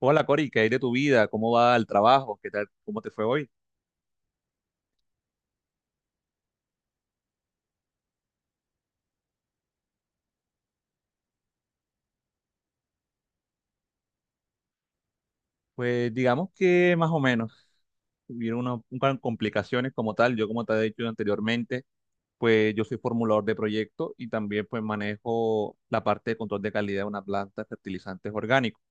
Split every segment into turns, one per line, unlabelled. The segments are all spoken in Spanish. Hola Cori, ¿qué hay de tu vida? ¿Cómo va el trabajo? ¿Qué tal? ¿Cómo te fue hoy? Pues digamos que más o menos hubieron unas complicaciones como tal. Yo como te he dicho anteriormente, pues yo soy formulador de proyecto y también pues manejo la parte de control de calidad de una planta de fertilizantes orgánicos.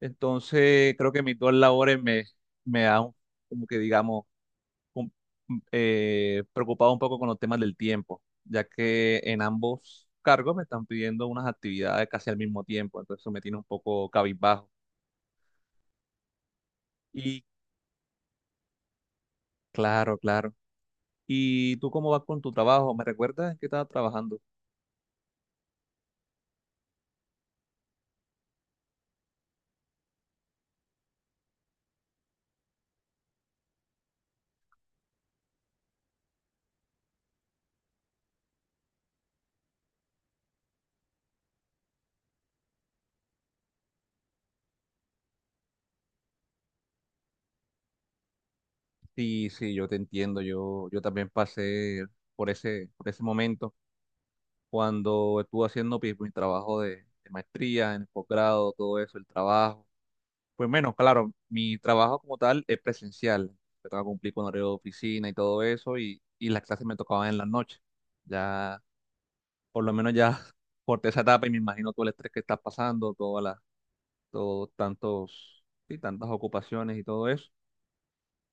Entonces creo que mis dos labores me dan como que digamos un- preocupado un poco con los temas del tiempo, ya que en ambos cargos me están pidiendo unas actividades casi al mismo tiempo, entonces eso me tiene un poco cabizbajo. Y claro, claro. ¿Y tú cómo vas con tu trabajo? ¿Me recuerdas en qué estabas trabajando? Sí, sí, yo te entiendo, yo también pasé por ese momento cuando estuve haciendo pues, mi trabajo de maestría, en el posgrado, todo eso, el trabajo. Pues menos, claro, mi trabajo como tal es presencial. Yo tengo que cumplir con horario de oficina y todo eso, y las clases me tocaban en la noche. Ya, por lo menos ya corté esa etapa y me imagino todo el estrés que estás pasando, sí, tantas ocupaciones y todo eso.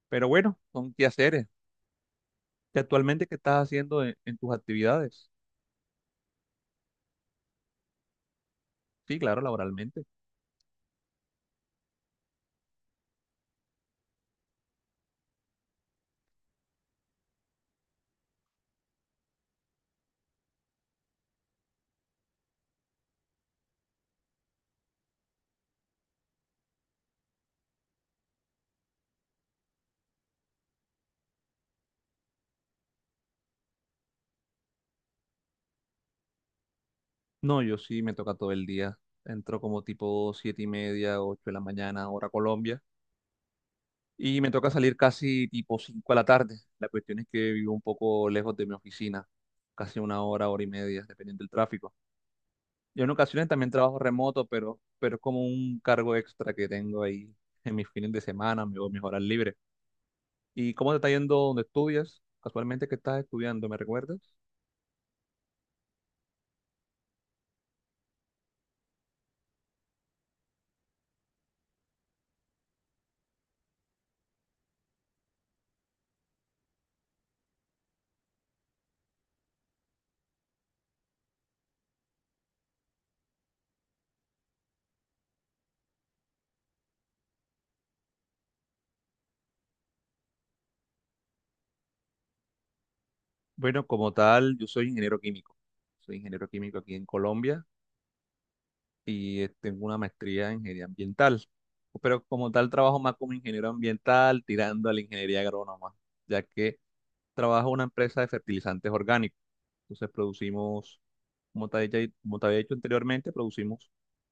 Pero bueno, son quehaceres. ¿Y actualmente qué estás haciendo en tus actividades? Sí, claro, laboralmente. No, yo sí me toca todo el día. Entro como tipo siete y media, ocho de la mañana, hora Colombia y me toca salir casi tipo 5 de la tarde. La cuestión es que vivo un poco lejos de mi oficina, casi una hora, hora y media, dependiendo del tráfico. Yo en ocasiones también trabajo remoto, pero es como un cargo extra que tengo ahí en mis fines de semana, o mis horas libres. ¿Y cómo te está yendo donde estudias? Casualmente, ¿qué estás estudiando? ¿Me recuerdas? Bueno, como tal, yo soy ingeniero químico. Soy ingeniero químico aquí en Colombia. Y tengo una maestría en ingeniería ambiental. Pero como tal trabajo más como ingeniero ambiental, tirando a la ingeniería agrónoma, ya que trabajo en una empresa de fertilizantes orgánicos. Entonces producimos, como te había dicho anteriormente, producimos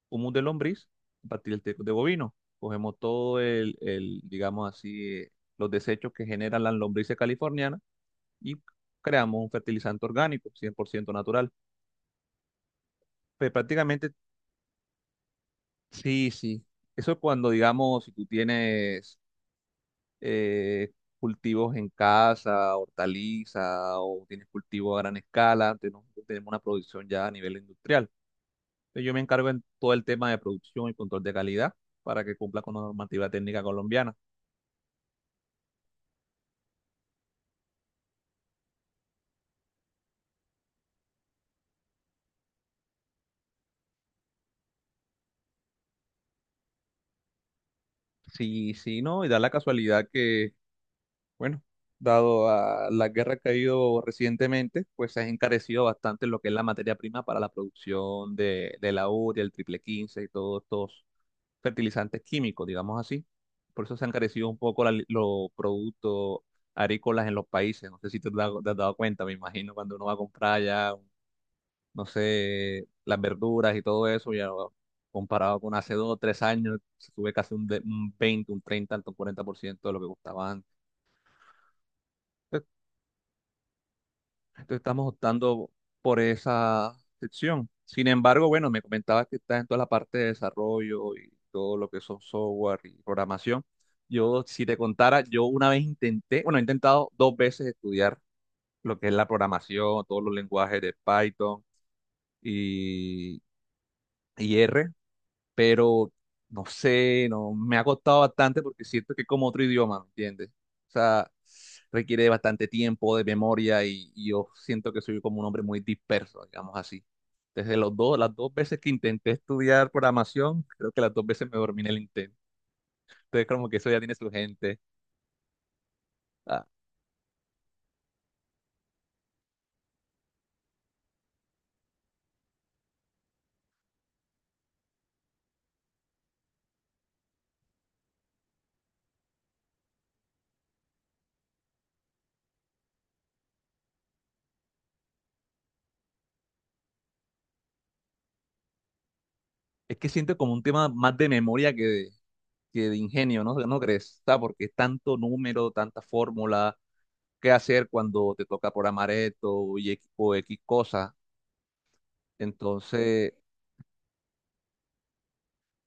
humus de lombriz a partir del teco de bovino. Cogemos todo el, digamos así, los desechos que generan las lombrices californianas y creamos un fertilizante orgánico, 100% natural. Pues prácticamente. Sí, sí. Eso es cuando, digamos, si tú tienes eh, cultivos en casa, hortaliza, o tienes cultivo a gran escala, tenemos una producción ya a nivel industrial. Entonces, yo me encargo en todo el tema de producción y control de calidad para que cumpla con la normativa técnica colombiana. Sí, sí, no, y da la casualidad que, bueno, dado a la guerra que ha habido recientemente, pues se ha encarecido bastante lo que es la materia prima para la producción de la urea, el triple 15 y todos estos fertilizantes químicos, digamos así. Por eso se han carecido un poco los productos agrícolas en los países. No sé si te has dado cuenta, me imagino, cuando uno va a comprar ya, no sé, las verduras y todo eso, ya comparado con hace dos o tres años, se sube un 20, un 30, hasta un 40% de lo que costaba antes. Entonces estamos optando por esa sección. Sin embargo, bueno, me comentabas que estás en toda la parte de desarrollo y todo lo que son software y programación. Yo, si te contara, yo una vez intenté, bueno, he intentado dos veces estudiar lo que es la programación, todos los lenguajes de Python y, y R, pero no sé, no, me ha costado bastante porque siento que es como otro idioma, ¿me entiendes? O sea, requiere de bastante tiempo, de memoria y yo siento que soy como un hombre muy disperso, digamos así. Desde los dos, las dos veces que intenté estudiar programación, creo que las dos veces me dormí en el intento. Entonces, como que eso ya tiene su gente. Ah, es que siento como un tema más de memoria que de ingenio, ¿no? ¿No crees? Ah, porque es tanto número, tanta fórmula, qué hacer cuando te toca programar esto y o X cosa. Entonces,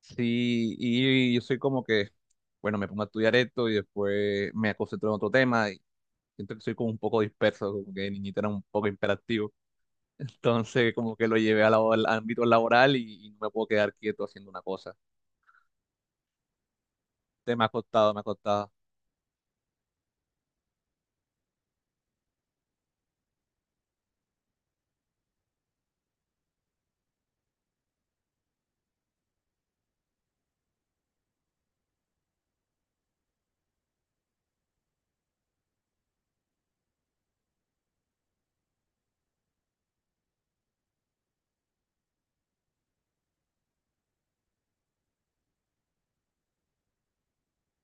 sí, y yo soy como que, bueno, me pongo a estudiar esto y después me concentro en otro tema y siento que soy como un poco disperso, como que de niñito era un poco imperactivo. Entonces, como que lo llevé a al ámbito laboral y no me puedo quedar quieto haciendo una cosa. Entonces, me ha costado, me ha costado.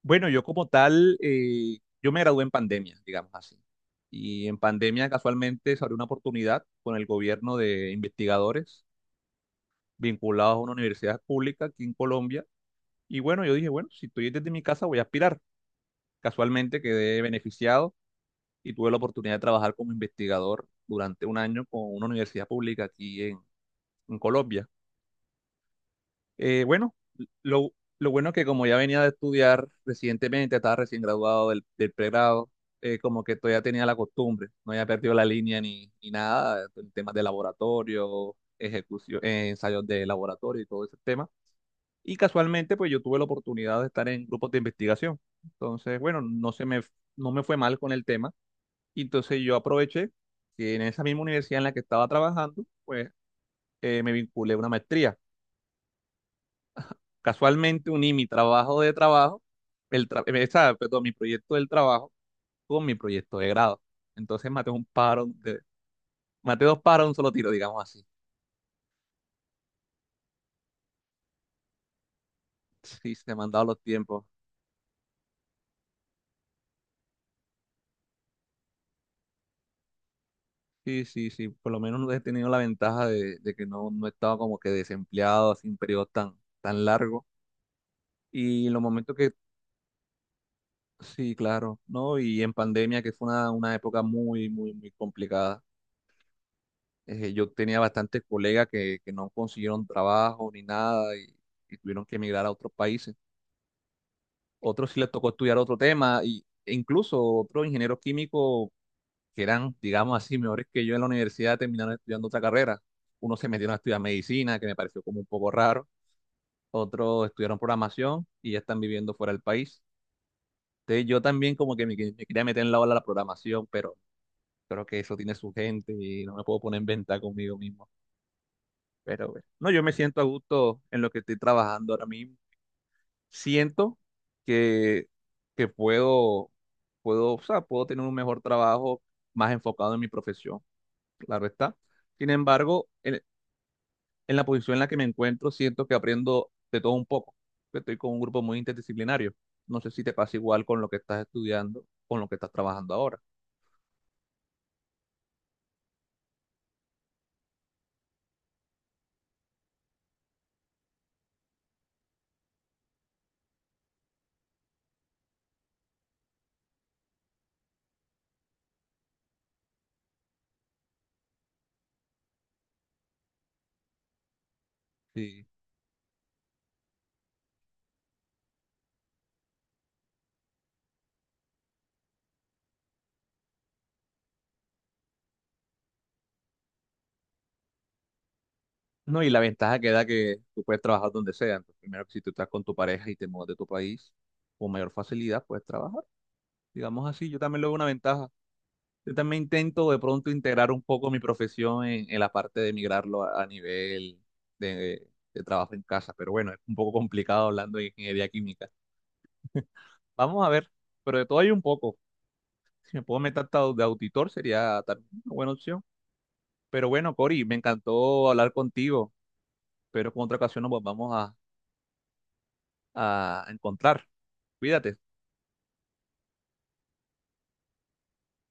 Bueno, yo como tal, yo me gradué en pandemia, digamos así. Y en pandemia casualmente se abrió una oportunidad con el gobierno de investigadores vinculados a una universidad pública aquí en Colombia. Y bueno, yo dije, bueno, si estoy desde mi casa voy a aspirar. Casualmente quedé beneficiado y tuve la oportunidad de trabajar como investigador durante un año con una universidad pública aquí en Colombia. Bueno, lo, lo bueno es que como ya venía de estudiar recientemente, estaba recién graduado del pregrado, como que todavía tenía la costumbre, no había perdido la línea ni nada, en temas de laboratorio, ejecución, ensayos de laboratorio y todo ese tema. Y casualmente, pues yo tuve la oportunidad de estar en grupos de investigación. Entonces, bueno, no me fue mal con el tema. Y entonces yo aproveché que en esa misma universidad en la que estaba trabajando, pues me vinculé a una maestría. Casualmente uní mi trabajo de trabajo, perdón, mi proyecto del trabajo con mi proyecto de grado. Entonces maté dos paros de un solo tiro, digamos así. Sí, se me han dado los tiempos. Sí, sí, sí, por lo menos he tenido la ventaja de que no he estado como que desempleado así un periodo tan, tan largo. Y en los momentos que, sí, claro, ¿no? Y en pandemia, que fue una época muy, muy, muy complicada. Yo tenía bastantes colegas que no consiguieron trabajo ni nada y tuvieron que emigrar a otros países. Otros sí les tocó estudiar otro tema e incluso otros ingenieros químicos que eran, digamos así, mejores que yo en la universidad, terminaron estudiando otra carrera. Unos se metieron a estudiar medicina, que me pareció como un poco raro. Otros estudiaron programación y ya están viviendo fuera del país. Entonces yo también como que me quería meter en la ola de la programación, pero creo que eso tiene su gente y no me puedo poner en venta conmigo mismo. Pero bueno, no, yo me siento a gusto en lo que estoy trabajando ahora mismo. Siento que, que puedo, o sea, puedo tener un mejor trabajo más enfocado en mi profesión, claro está. Sin embargo, en la posición en la que me encuentro, siento que aprendo de todo un poco. Estoy con un grupo muy interdisciplinario. No sé si te pasa igual con lo que estás estudiando, con lo que estás trabajando ahora. Sí. No, y la ventaja queda que tú puedes trabajar donde sea. Entonces, primero, si tú estás con tu pareja y te mudas de tu país, con mayor facilidad puedes trabajar. Digamos así, yo también lo veo una ventaja. Yo también intento de pronto integrar un poco mi profesión en la parte de migrarlo a nivel de, de trabajo en casa, pero bueno, es un poco complicado hablando de ingeniería química. Vamos a ver, pero de todo hay un poco. Si me puedo meter hasta de auditor sería también una buena opción. Pero bueno, Cori, me encantó hablar contigo, pero con otra ocasión nos vamos a encontrar. Cuídate.